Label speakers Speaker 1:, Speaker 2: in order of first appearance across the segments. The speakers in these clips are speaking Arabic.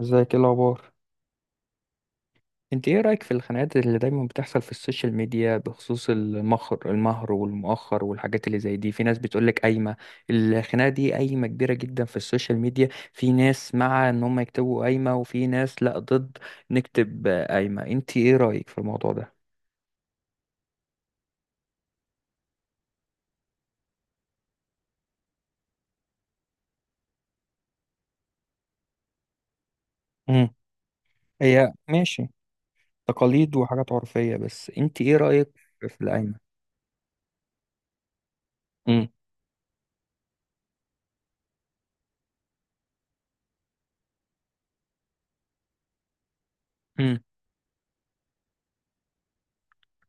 Speaker 1: ازيك، ايه الاخبار؟ انت ايه رايك في الخناقات اللي دايما بتحصل في السوشيال ميديا بخصوص المهر والمؤخر والحاجات اللي زي دي؟ في ناس بتقولك قايمه. الخناقه دي قايمه كبيره جدا في السوشيال ميديا. في ناس مع ان هم يكتبوا قايمه، وفي ناس لا، ضد نكتب قايمه. انت ايه رايك في الموضوع ده؟ امم هي ماشي، تقاليد وحاجات عرفيه، بس انت ايه رايك في القايمه؟ امم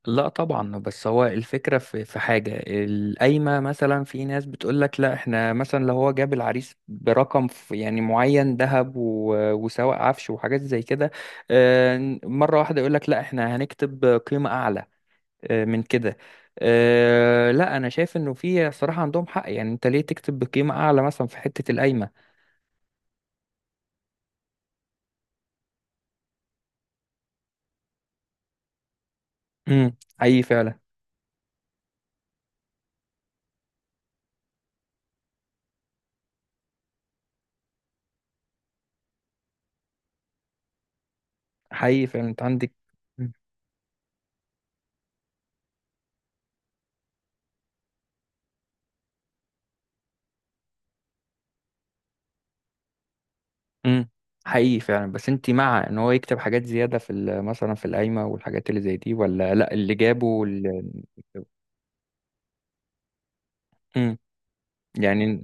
Speaker 1: لا طبعا، بس هو الفكرة في حاجة القايمة، مثلا في ناس بتقولك لا احنا مثلا لو هو جاب العريس برقم يعني معين ذهب وسواق عفش وحاجات زي كده. مرة واحدة يقولك لا احنا هنكتب قيمة أعلى من كده. لا، أنا شايف إنه في صراحة عندهم حق، يعني أنت ليه تكتب بقيمة أعلى مثلا في حتة القايمة؟ مم، حقيقي فعلا. حقيقي فعلا أنت عندك. امم حقيقي فعلا. بس انت مع ان هو يكتب حاجات زيادة في مثلا في القايمة والحاجات اللي زي دي، ولا لا اللي جابه امم يعني.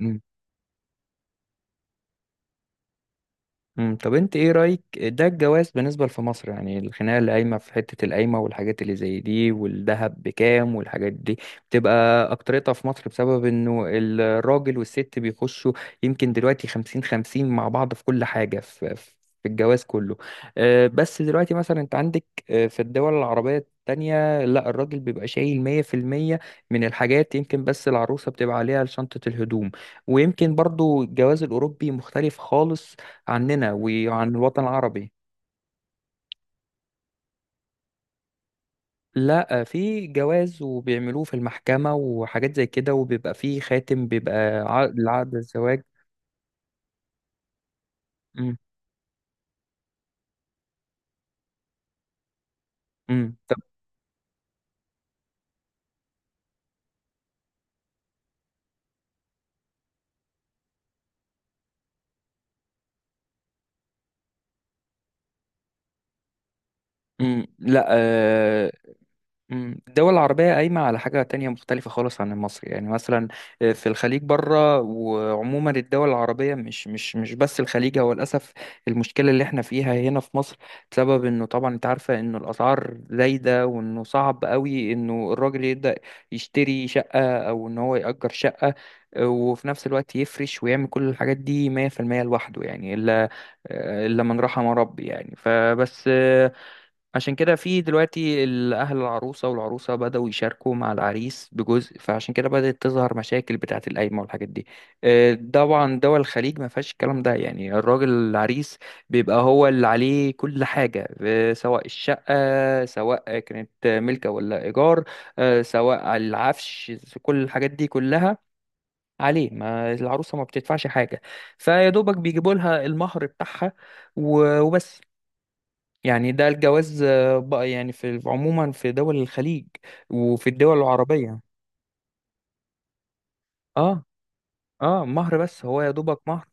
Speaker 1: مم. طب انت ايه رأيك ده الجواز بالنسبة في مصر؟ يعني الخناقة اللي قايمة في حتة القايمة والحاجات اللي زي دي والذهب بكام والحاجات دي بتبقى أكترتها في مصر بسبب انه الراجل والست بيخشوا يمكن دلوقتي خمسين خمسين مع بعض في كل حاجة، في في الجواز كله. بس دلوقتي مثلا انت عندك، في الدول العربية التانية لا، الراجل بيبقى شايل مية في المية من الحاجات، يمكن بس العروسة بتبقى عليها شنطة الهدوم. ويمكن برضو الجواز الأوروبي مختلف خالص عننا وعن الوطن العربي. لا، في جواز وبيعملوه في المحكمة وحاجات زي كده، وبيبقى فيه خاتم بيبقى عقد لعقد الزواج. امم طب. لا آه، مم. الدول العربية قايمة على حاجة تانية مختلفة خالص عن المصري، يعني مثلا في الخليج بره، وعموما الدول العربية مش بس الخليج هو، للأسف، المشكلة اللي احنا فيها هنا في مصر بسبب انه طبعا انت عارفة انه الأسعار زايدة، وانه صعب قوي انه الراجل يبدأ يشتري شقة او ان هو يأجر شقة وفي نفس الوقت يفرش ويعمل كل الحاجات دي 100% لوحده، يعني إلا إلا من رحم ربي يعني. فبس عشان كده في دلوقتي الأهل العروسة والعروسة بدأوا يشاركوا مع العريس بجزء، فعشان كده بدأت تظهر مشاكل بتاعة القايمة والحاجات دي. طبعا دول الخليج ما فيهاش الكلام ده، يعني الراجل العريس بيبقى هو اللي عليه كل حاجة، سواء الشقة سواء كانت ملكة ولا إيجار، سواء العفش، كل الحاجات دي كلها عليه، ما العروسة ما بتدفعش حاجة، فيا دوبك بيجيبوا لها المهر بتاعها وبس. يعني ده الجواز بقى يعني في عموما في دول الخليج وفي الدول العربية. اه. اه مهر بس، هو يا دوبك مهر.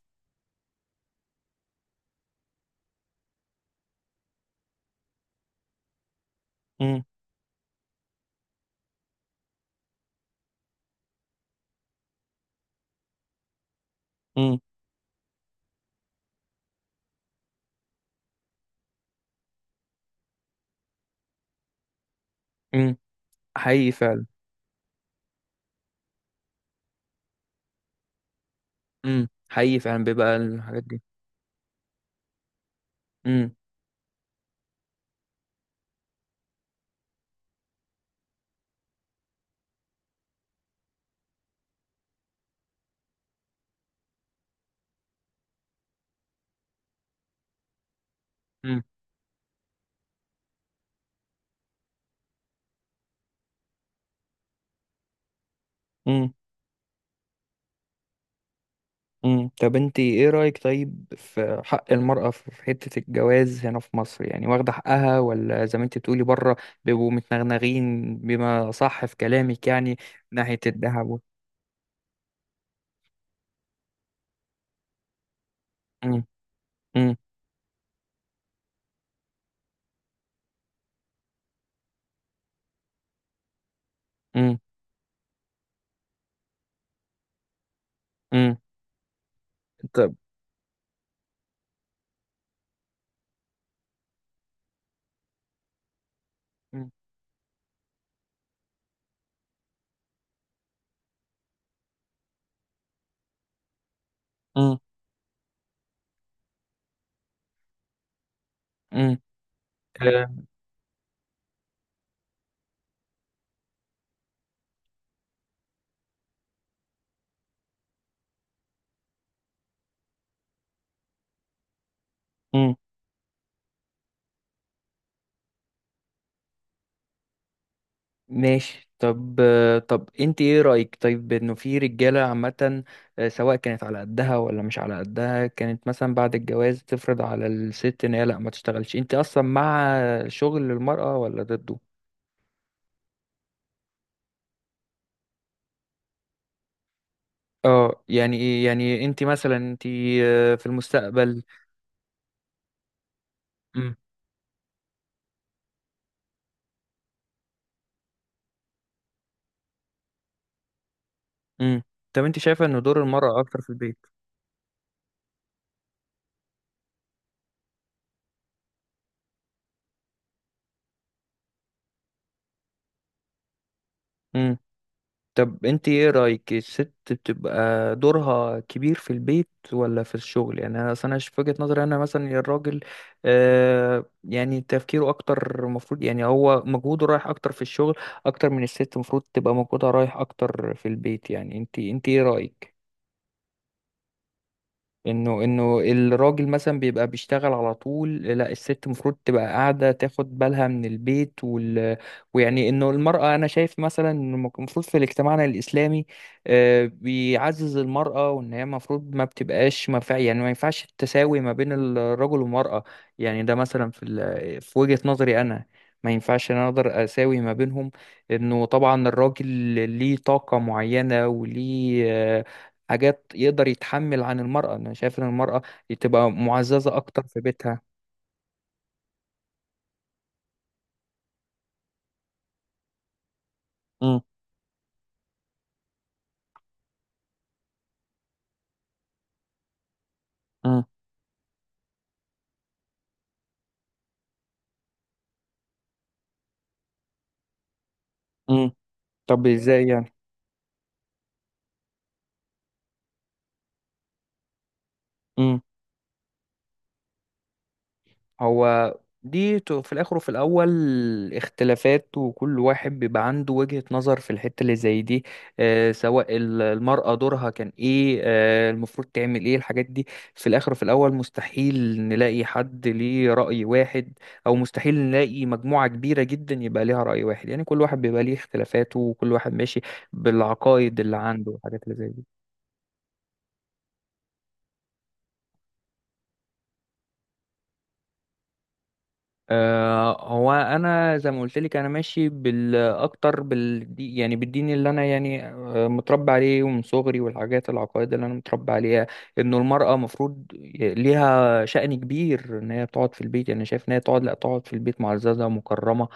Speaker 1: امم امم امم حقيقي فعلا. حقيقي فعلا بيبقى الحاجات دي. امم امم امم طب انت ايه رأيك طيب في حق المرأة في حتة الجواز هنا في مصر؟ يعني واخدة حقها ولا زي ما انت بتقولي بره بيبقوا متنغنغين بما صح في كلامك يعني. من ناحية الذهب امم امم امم امم طب. امم امم آه، امم ماشي. طب طب انت ايه رأيك طيب انه في رجالة عامة سواء كانت على قدها ولا مش على قدها كانت مثلا بعد الجواز تفرض على الست ان هي لا ما تشتغلش؟ انت اصلا مع شغل المرأة ولا ضده؟ اه. يعني ايه يعني انت مثلا انت في المستقبل؟ مم. امم طب انت شايفة ان دور المرأة اكتر في البيت؟ طب انت ايه رأيك الست بتبقى دورها كبير في البيت ولا في الشغل؟ يعني انا اصلا في وجهة نظري انا مثلا يا الراجل يعني تفكيره اكتر المفروض، يعني هو مجهوده رايح اكتر في الشغل اكتر من الست، المفروض تبقى مجهودها رايح اكتر في البيت. يعني انت ايه رأيك؟ انه الراجل مثلا بيبقى بيشتغل على طول، لا الست المفروض تبقى قاعده تاخد بالها من البيت ويعني انه المراه انا شايف مثلا إنه المفروض في مجتمعنا الاسلامي بيعزز المراه وان هي المفروض ما بتبقاش ما فيع- يعني ما ينفعش التساوي ما بين الرجل والمراه. يعني ده مثلا في وجهه نظري انا. ما ينفعش انا اقدر اساوي ما بينهم. انه طبعا الراجل ليه طاقه معينه وليه حاجات يقدر يتحمل عن المرأة. أنا شايف إن المرأة تبقى معززة أكتر في بيتها. امم امم امم طب إزاي يعني؟ هو دي في الاخر وفي الاول اختلافات، وكل واحد بيبقى عنده وجهة نظر في الحتة اللي زي دي، سواء المرأة دورها كان ايه، المفروض تعمل ايه، الحاجات دي. في الاخر وفي الاول مستحيل نلاقي حد ليه رأي واحد، او مستحيل نلاقي مجموعة كبيرة جدا يبقى ليها رأي واحد. يعني كل واحد بيبقى ليه اختلافاته وكل واحد ماشي بالعقائد اللي عنده والحاجات اللي زي دي. هو انا زي ما قلت لك انا ماشي بالاكتر بال يعني بالدين اللي انا يعني متربى عليه ومن صغري، والحاجات العقائد اللي انا متربى عليها انه المرأة مفروض ليها شأن كبير ان هي تقعد في البيت. يعني شايف ان هي تقعد لا تقعد في البيت معززة ومكرمة،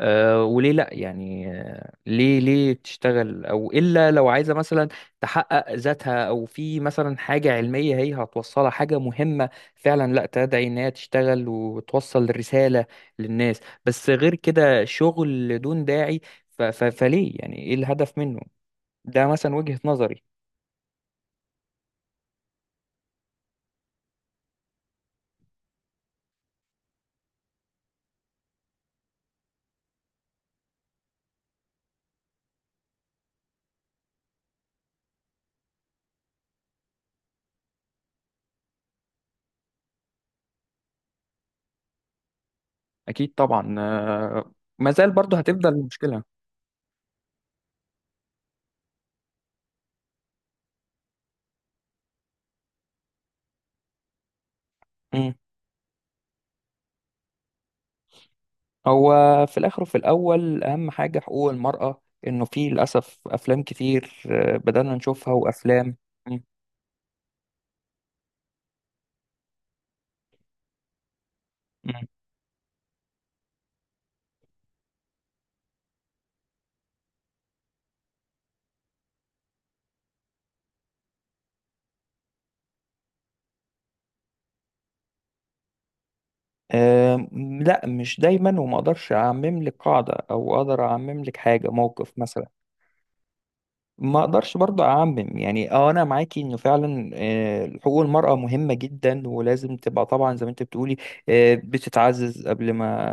Speaker 1: أه، وليه لا؟ يعني ليه تشتغل؟ او الا لو عايزة مثلا تحقق ذاتها، او في مثلا حاجة علمية هي هتوصلها حاجة مهمة فعلا، لا تدعي ان هي تشتغل وتوصل رسالة للناس. بس غير كده شغل دون داعي، فليه يعني؟ ايه الهدف منه؟ ده مثلا وجهة نظري. اكيد طبعا. ما زال برضه هتفضل المشكلة. مم. هو في الاخر وفي الاول اهم حاجة حقوق المرأة، انه في للاسف افلام كتير بدأنا نشوفها وافلام. مم. مم. آم، لا، مش دايما. وما اقدرش اعمم لك قاعدة، او اقدر اعمم لك حاجة موقف مثلا. ما اقدرش برضو اعمم. يعني اه انا معاكي انه فعلا حقوق المرأة مهمة جدا ولازم تبقى طبعا زي ما انت بتقولي، بتتعزز قبل ما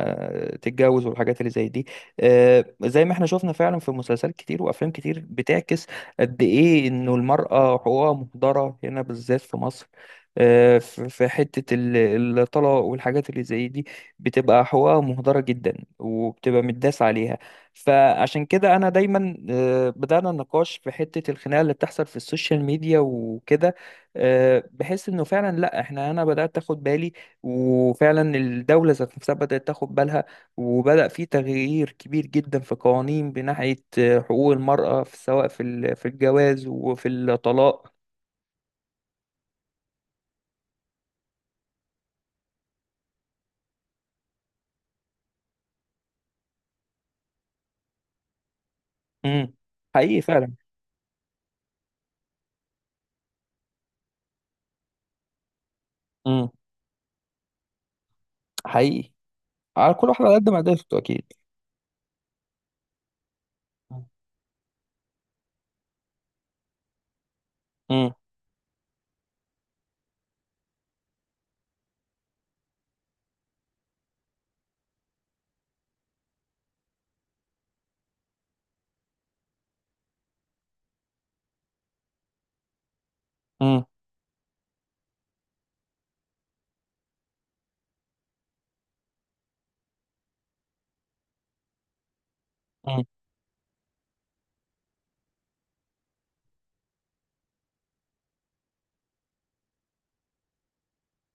Speaker 1: تتجوز، والحاجات اللي زي دي. زي ما احنا شفنا فعلا في مسلسلات كتير وافلام كتير بتعكس قد ايه انه المرأة حقوقها مهدرة هنا بالذات في مصر، في حتة الطلاق والحاجات اللي زي دي، بتبقى حقوقها مهدرة جدا وبتبقى متداس عليها. فعشان كده انا دايما بدأنا النقاش في حتة الخناقة اللي بتحصل في السوشيال ميديا وكده. بحس انه فعلا لا احنا انا بدأت اخد بالي، وفعلا الدولة ذات نفسها بدأت تاخد بالها، وبدأ في تغيير كبير جدا في قوانين بناحية حقوق المرأة في سواء في في الجواز وفي الطلاق. امم حقيقي فعلا. امم حقيقي. على كل واحد على قد ما قدرته اكيد. امم امم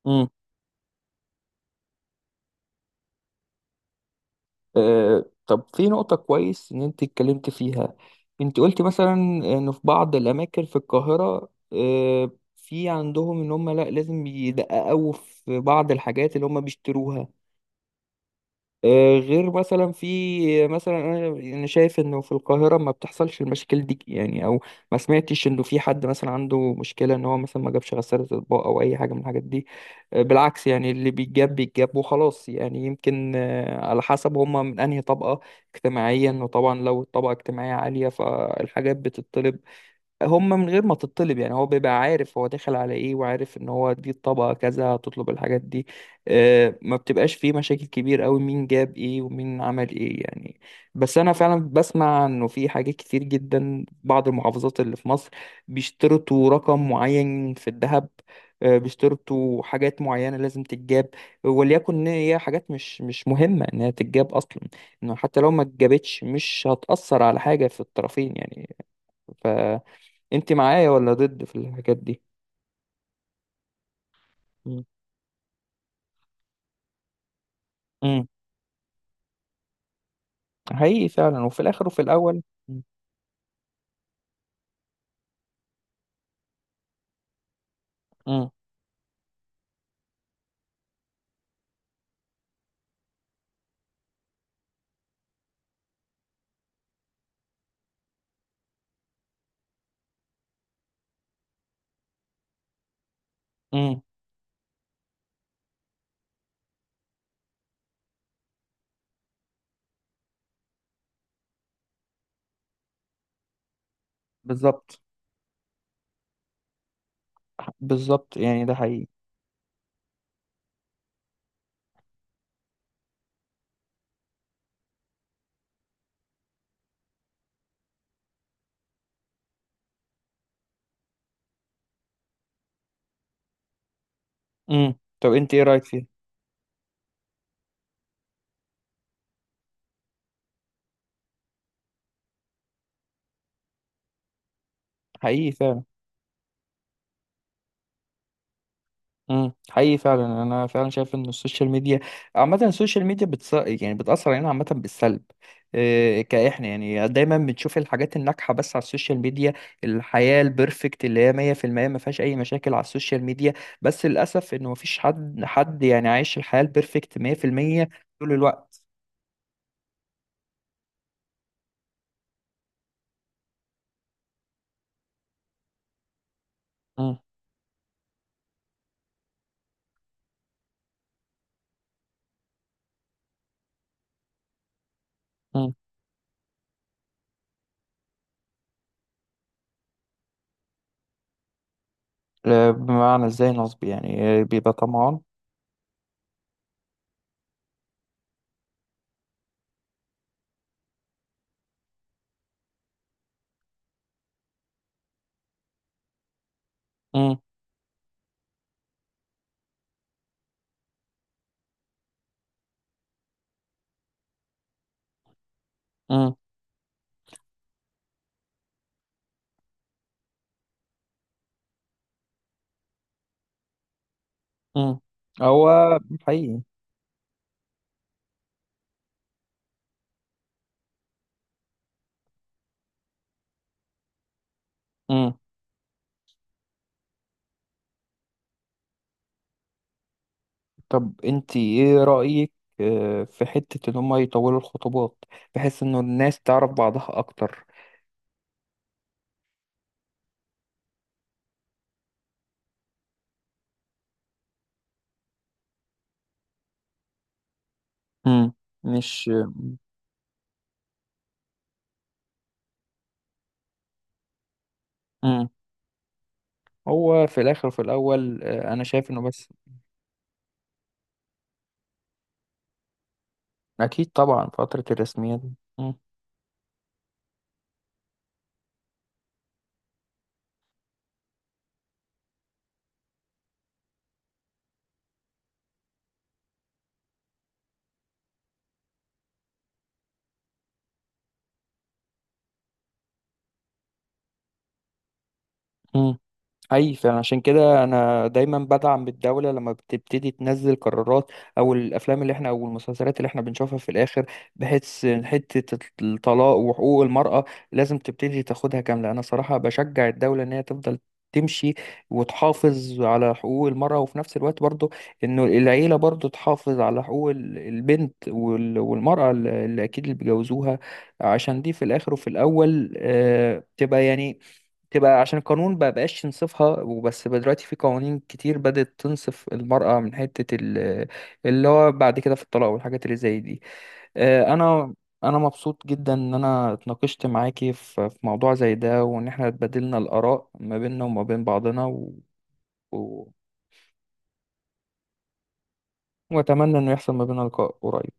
Speaker 1: امم طب في نقطة كويس إن أنت اتكلمت فيها. أنت قلت مثلا إن في بعض الأماكن في القاهرة في عندهم إن هم لأ لازم يدققوا في بعض الحاجات اللي هم بيشتروها. غير مثلا في مثلا انا أنا شايف انه في القاهره ما بتحصلش المشاكل دي، يعني او ما سمعتش انه في حد مثلا عنده مشكله ان هو مثلا ما جابش غساله اطباق او اي حاجه من الحاجات دي. بالعكس، يعني اللي بيتجاب بيتجاب وخلاص. يعني يمكن على حسب هم من انهي طبقه اجتماعيا، وطبعا لو الطبقه اجتماعيه عاليه فالحاجات بتطلب هم من غير ما تطلب، يعني هو بيبقى عارف هو داخل على ايه، وعارف ان هو دي الطبقة كذا هتطلب الحاجات دي. ما بتبقاش فيه مشاكل كبير قوي مين جاب ايه ومين عمل ايه يعني. بس انا فعلا بسمع انه في حاجات كتير جدا بعض المحافظات اللي في مصر بيشترطوا رقم معين في الذهب، بيشترطوا حاجات معينة لازم تتجاب. وليكن ان هي حاجات مش مهمة انها تتجاب اصلا، انه حتى لو ما اتجابتش مش هتأثر على حاجة في الطرفين. يعني انت معايا ولا ضد في الحاجات دي؟ مم. مم. حقيقي فعلا، وفي الاخر وفي الاول، مم. مم. مم. بالظبط، بالظبط يعني ده حقيقي. مم. طب انت ايه رايك فيها؟ حقيقي فعلا. حقيقي فعلا. يعني انا فعلا شايف ان السوشيال ميديا عامه السوشيال ميديا يعني بتاثر علينا عامه بالسلب، إيه كاحنا يعني دايما بنشوف الحاجات الناجحه بس على السوشيال ميديا، الحياه البرفكت اللي هي 100% ما فيهاش اي مشاكل على السوشيال ميديا. بس للاسف انه ما فيش حد يعني عايش الحياه البرفكت 100% طول الوقت. امم امم بمعنى ازاي نصب؟ يعني بيبقى طمعان. امم امم امم هو حقيقي. مم. طب انت ايه رأيك في حتة ان هما يطولوا الخطوبات بحيث انه الناس تعرف بعضها اكتر؟ امم مش امم هو في الاخر وفي الاول انا شايف انه بس. اكيد طبعا فترة الرسميات. مم. مم. اي فعلا عشان كده انا دايما بدعم الدوله لما بتبتدي تنزل قرارات، او الافلام اللي احنا او المسلسلات اللي احنا بنشوفها في الاخر، بحيث حته الطلاق وحقوق المراه لازم تبتدي تاخدها كامله. انا صراحه بشجع الدوله ان هي تفضل تمشي وتحافظ على حقوق المرأة، وفي نفس الوقت برضو إنه العيلة برضو تحافظ على حقوق البنت والمرأة اللي أكيد اللي بيجوزوها، عشان دي في الآخر وفي الأول تبقى يعني تبقى عشان القانون ما بقاش ينصفها. وبس بقى دلوقتي في قوانين كتير بدأت تنصف المرأة من حتة اللي هو بعد كده في الطلاق والحاجات اللي زي دي. آه، انا انا مبسوط جدا ان انا اتناقشت معاكي في في موضوع زي ده وان احنا اتبادلنا الآراء ما بيننا وما بين بعضنا و... واتمنى انه يحصل ما بيننا لقاء قريب.